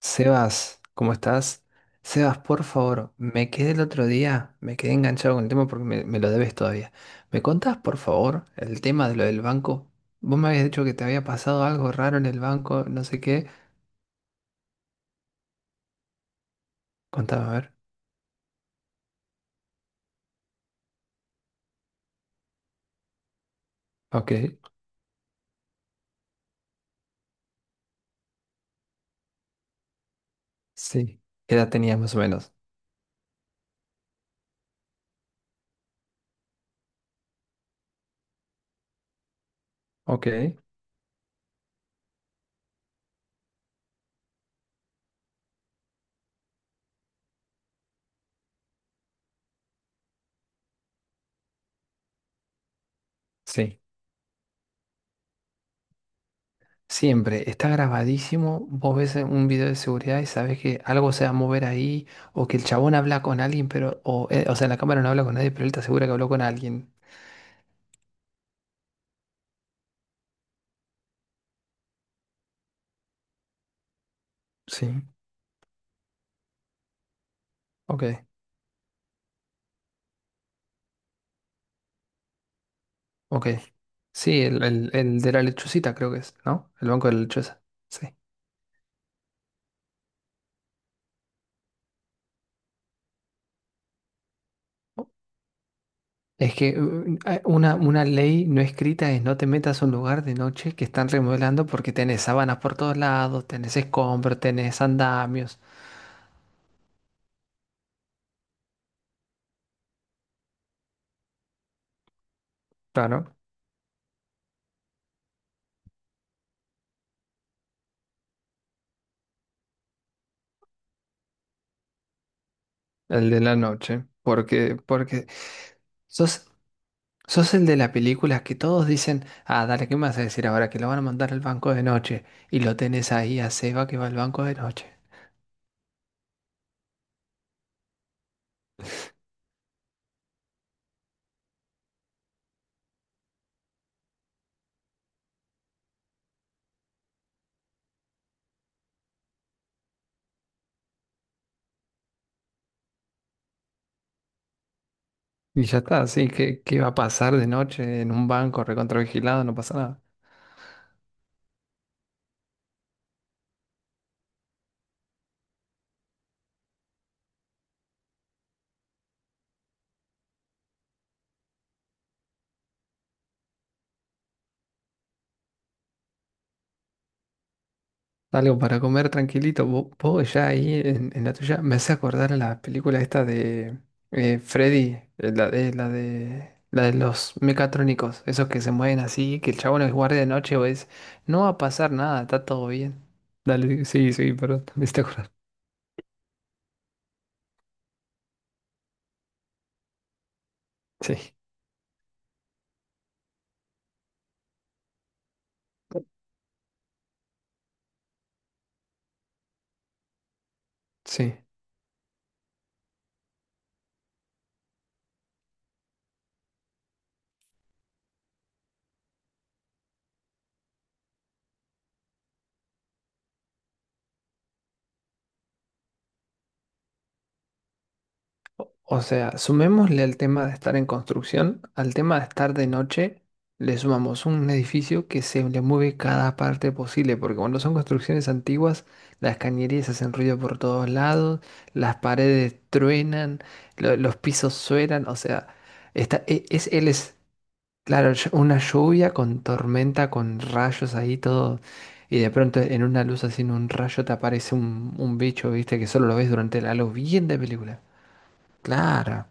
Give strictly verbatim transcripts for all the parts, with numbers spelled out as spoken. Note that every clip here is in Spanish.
Sebas, ¿cómo estás? Sebas, por favor, me quedé el otro día, me quedé enganchado con el tema porque me, me lo debes todavía. ¿Me contás, por favor, el tema de lo del banco? Vos me habías dicho que te había pasado algo raro en el banco, no sé qué. Contame, a ver. Ok, sí. ¿Qué edad tenías más o menos? Ok, sí. Siempre, está grabadísimo, vos ves un video de seguridad y sabes que algo se va a mover ahí, o que el chabón habla con alguien, pero, o, eh, o sea, la cámara no habla con nadie, pero él te asegura que habló con alguien. Sí. Ok, ok. Sí, el, el, el de la lechucita creo que es, ¿no? El banco de la lechuza. Sí. Es que uh, hay una, una ley no escrita es no te metas a un lugar de noche que están remodelando porque tenés sábanas por todos lados, tenés escombros, tenés andamios. Claro, el de la noche. Porque, porque sos, sos el de la película que todos dicen, ah, dale, ¿qué me vas a decir ahora? Que lo van a mandar al banco de noche. Y lo tenés ahí a Seba que va al banco de noche. Y ya está, sí, ¿qué, qué va a pasar de noche en un banco recontravigilado? No pasa nada. Algo para comer tranquilito. Vo- Vos, ya ahí en, en la tuya me hace acordar a la película esta de eh, Freddy, eh, la de, la de, la de los mecatrónicos, esos que se mueven así, que el chabón es guardia de noche o es, no va a pasar nada, está todo bien. Dale, sí, sí, perdón, me hiciste acordar. Sí, sí. O o sea, sumémosle al tema de estar en construcción, al tema de estar de noche, le sumamos un edificio que se le mueve cada parte posible, porque cuando son construcciones antiguas, las cañerías hacen ruido por todos lados, las paredes truenan, lo- los pisos suenan, o sea, está, e- es, él es, claro, ll- una lluvia con tormenta, con rayos ahí, todo, y de pronto en una luz así, en un rayo te aparece un, un bicho, viste, que solo lo ves durante la luz, bien de película. Claro.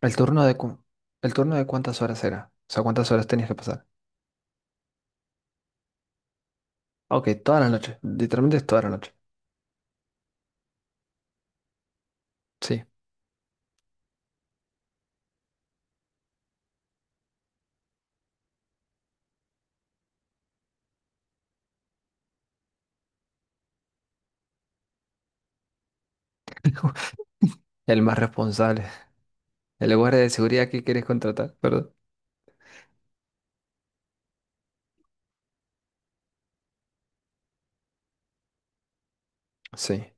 ¿El turno de cu- ¿El turno de cuántas horas era? O sea, ¿cuántas horas tenías que pasar? Ok, toda la noche. Literalmente es toda la noche. Sí. El más responsable. El guardia de seguridad que quieres contratar, ¿verdad? Sí.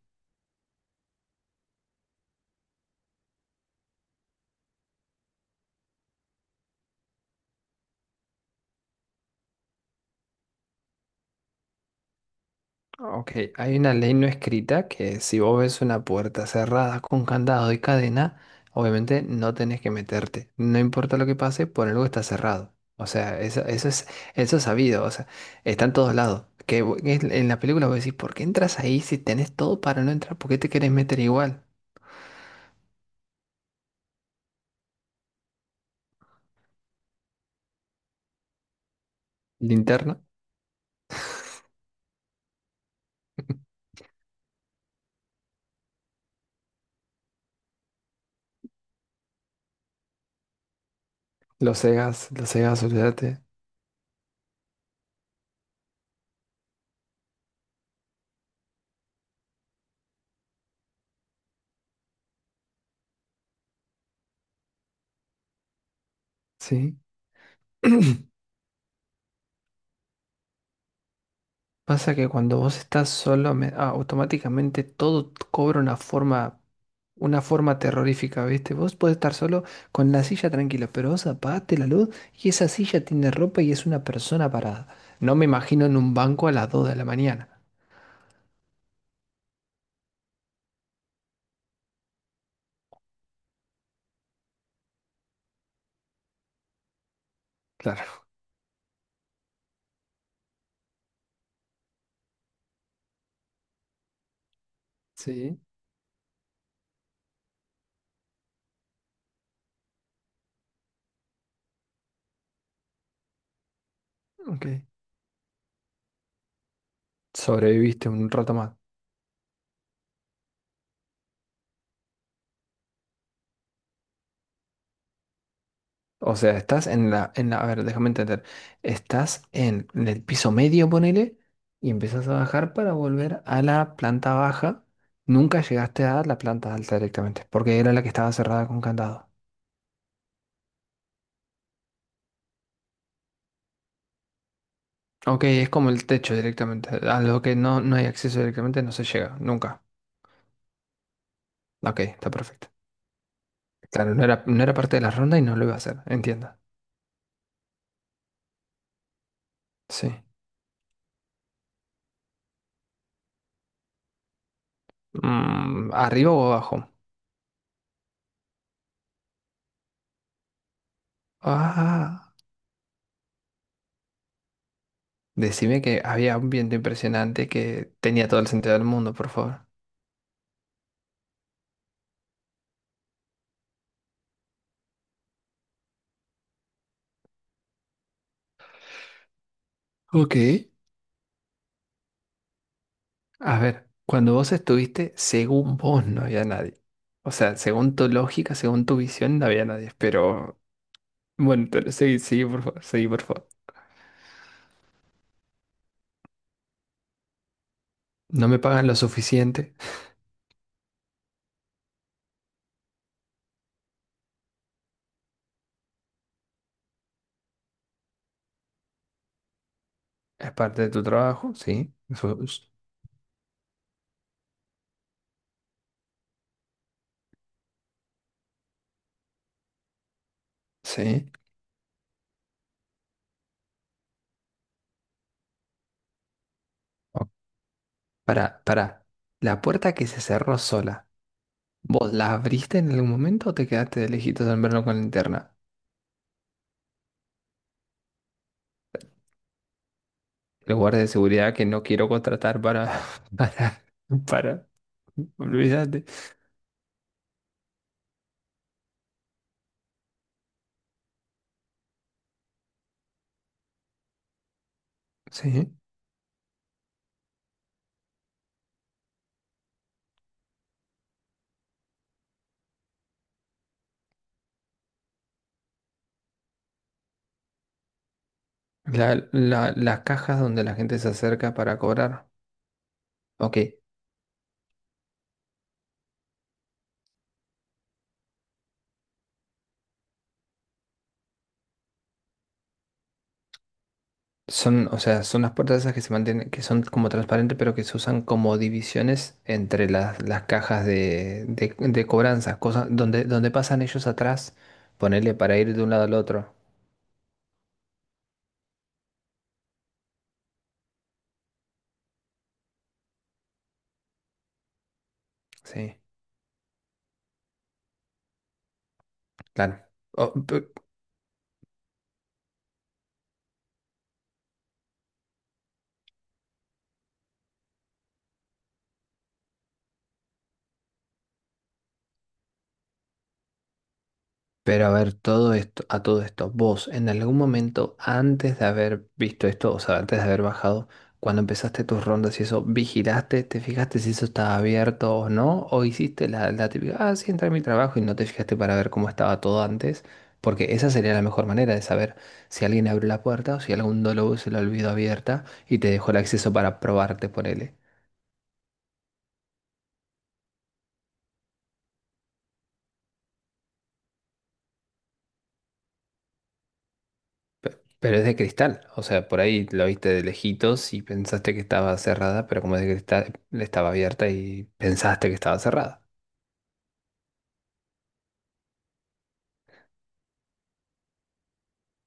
Ok, hay una ley no escrita que si vos ves una puerta cerrada con candado y cadena, obviamente no tenés que meterte. No importa lo que pase, por algo está cerrado. O sea, eso, eso es, eso es sabido. O sea, está en todos lados. Que vo- que en en la película vos decís, ¿por qué entras ahí si tenés todo para no entrar? ¿Por qué te querés meter igual? Linterna. Los cegas, los cegas, olvídate. Sí. Pasa que cuando vos estás solo, me- ah, automáticamente todo t- cobra una forma, una forma terrorífica, ¿viste? Vos podés estar solo con la silla tranquila, pero vos apagaste la luz y esa silla tiene ropa y es una persona parada. No me imagino en un banco a las dos de la mañana. Claro. Sí. Ok. Sobreviviste un rato más. O sea, estás en la, en la, a ver, déjame entender. Estás en, en el piso medio, ponele, y empezás a bajar para volver a la planta baja. Nunca llegaste a la planta alta directamente, porque era la que estaba cerrada con candado. Ok, es como el techo directamente. A lo que no, no hay acceso directamente no se llega, nunca. Ok, está perfecto. Claro, no era, no era parte de la ronda y no lo iba a hacer, entiendo. Sí. Mm, ¿arriba o abajo? Ah. Decime que había un viento impresionante que tenía todo el sentido del mundo, por favor. Ok, a ver, cuando vos estuviste, según vos no había nadie. O sea, según tu lógica, según tu visión, no había nadie. Pero bueno, te- seguí, seguí, por favor, seguí, por favor. No me pagan lo suficiente. Es parte de tu trabajo, sí. Eso es- Sí. Oh, pará, pará. La puerta que se cerró sola, ¿vos la abriste en algún momento o te quedaste de lejitos en verlo con la linterna? Los guardias de seguridad que no quiero contratar para, para, para, olvídate. Sí. La, la, las cajas donde la gente se acerca para cobrar. Ok. Son, o sea, son las puertas esas que se mantienen, que son como transparentes, pero que se usan como divisiones entre las, las cajas de, de, de cobranza, cosas donde, donde pasan ellos atrás, ponerle para ir de un lado al otro. Sí, claro. O- pe- Pero a ver, todo esto, a todo esto, vos en algún momento antes de haber visto esto, o sea, antes de haber bajado, cuando empezaste tus rondas y eso, ¿vigilaste, te fijaste si eso estaba abierto o no? ¿O hiciste la, la típica, ah, sí, entré a mi trabajo y no te fijaste para ver cómo estaba todo antes? Porque esa sería la mejor manera de saber si alguien abrió la puerta o si algún dolo se la olvidó abierta y te dejó el acceso para probarte por él. Pero es de cristal, o sea, por ahí la viste de lejitos y pensaste que estaba cerrada, pero como es de cristal, estaba abierta y pensaste que estaba cerrada.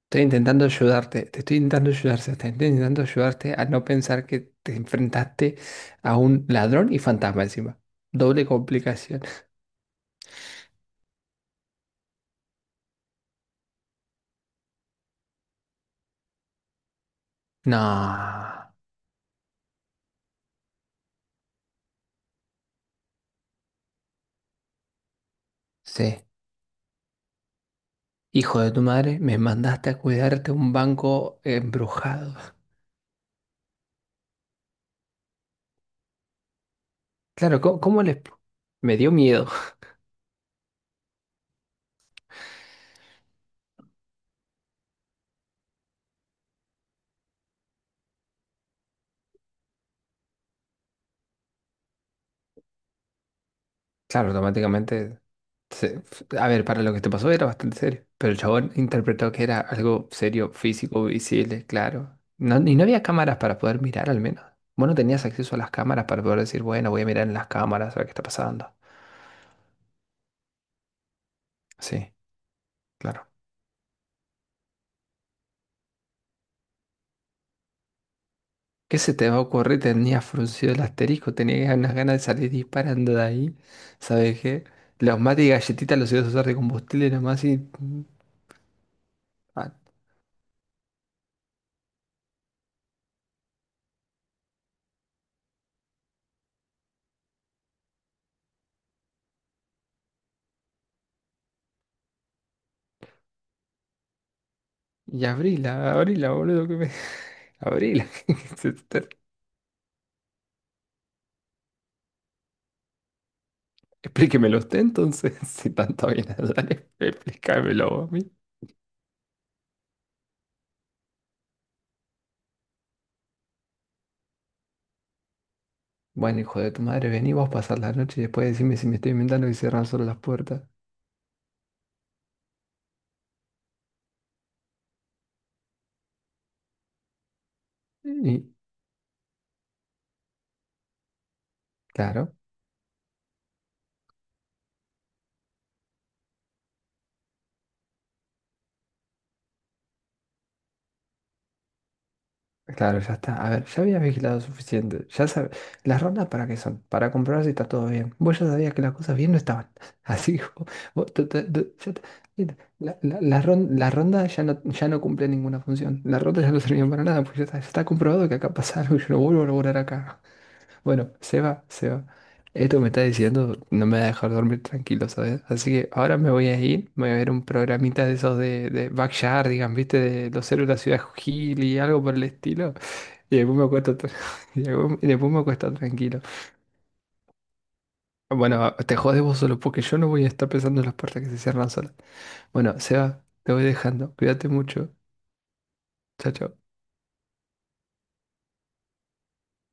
Estoy intentando ayudarte, te estoy intentando ayudar, Seba, te estoy intentando ayudarte a no pensar que te enfrentaste a un ladrón y fantasma encima. Doble complicación. No, sí. Hijo de tu madre, me mandaste a cuidarte un banco embrujado. Claro, ¿cómo, cómo le... expl- Me dio miedo. Claro, automáticamente se- a ver, para lo que te pasó era bastante serio, pero el chabón interpretó que era algo serio, físico, visible, claro. No, y no había cámaras para poder mirar al menos. Vos no tenías acceso a las cámaras para poder decir, bueno, voy a mirar en las cámaras a ver qué está pasando. Sí, claro. ¿Qué se te va a ocurrir? Tenía fruncido el asterisco, tenía unas ganas de salir disparando de ahí. ¿Sabes qué? Los mates y galletitas los ibas a usar de combustible nomás y... mm, ah, y abrila, abrila, boludo, que me... Abrila. Explíquemelo usted entonces, si tanto viene a hablar, explícamelo vos a mí. Bueno, hijo de tu madre, vení vos a pasar la noche y después decime si me estoy inventando y cerrar solo las puertas. Y claro, claro, ya está. A ver, ya habías vigilado suficiente. Ya sabes, las rondas para qué son, para comprobar si está todo bien. Vos ya sabías que las cosas bien no estaban. Así, hijo, vos te- te- te- ya te- mira, la, la, la ron- la ronda ya no, ya no cumple ninguna función. La ronda ya no sirvió para nada, porque ya está, ya está comprobado que acá pasa algo y yo no vuelvo a laburar acá. Bueno, se va, se va. Esto que me está diciendo no me va a dejar dormir tranquilo, ¿sabes? Así que ahora me voy a ir, me voy a ver un programita de esos de, de Backyardigans, ¿viste? De los héroes de la ciudad Hill y algo por el estilo. Y después me acuesto, tra- y después y después me acuesto tranquilo. Bueno, te jodes vos solo porque yo no voy a estar pensando en las puertas que se cierran solas. Bueno, Seba, te voy dejando. Cuídate mucho. Chao, chao.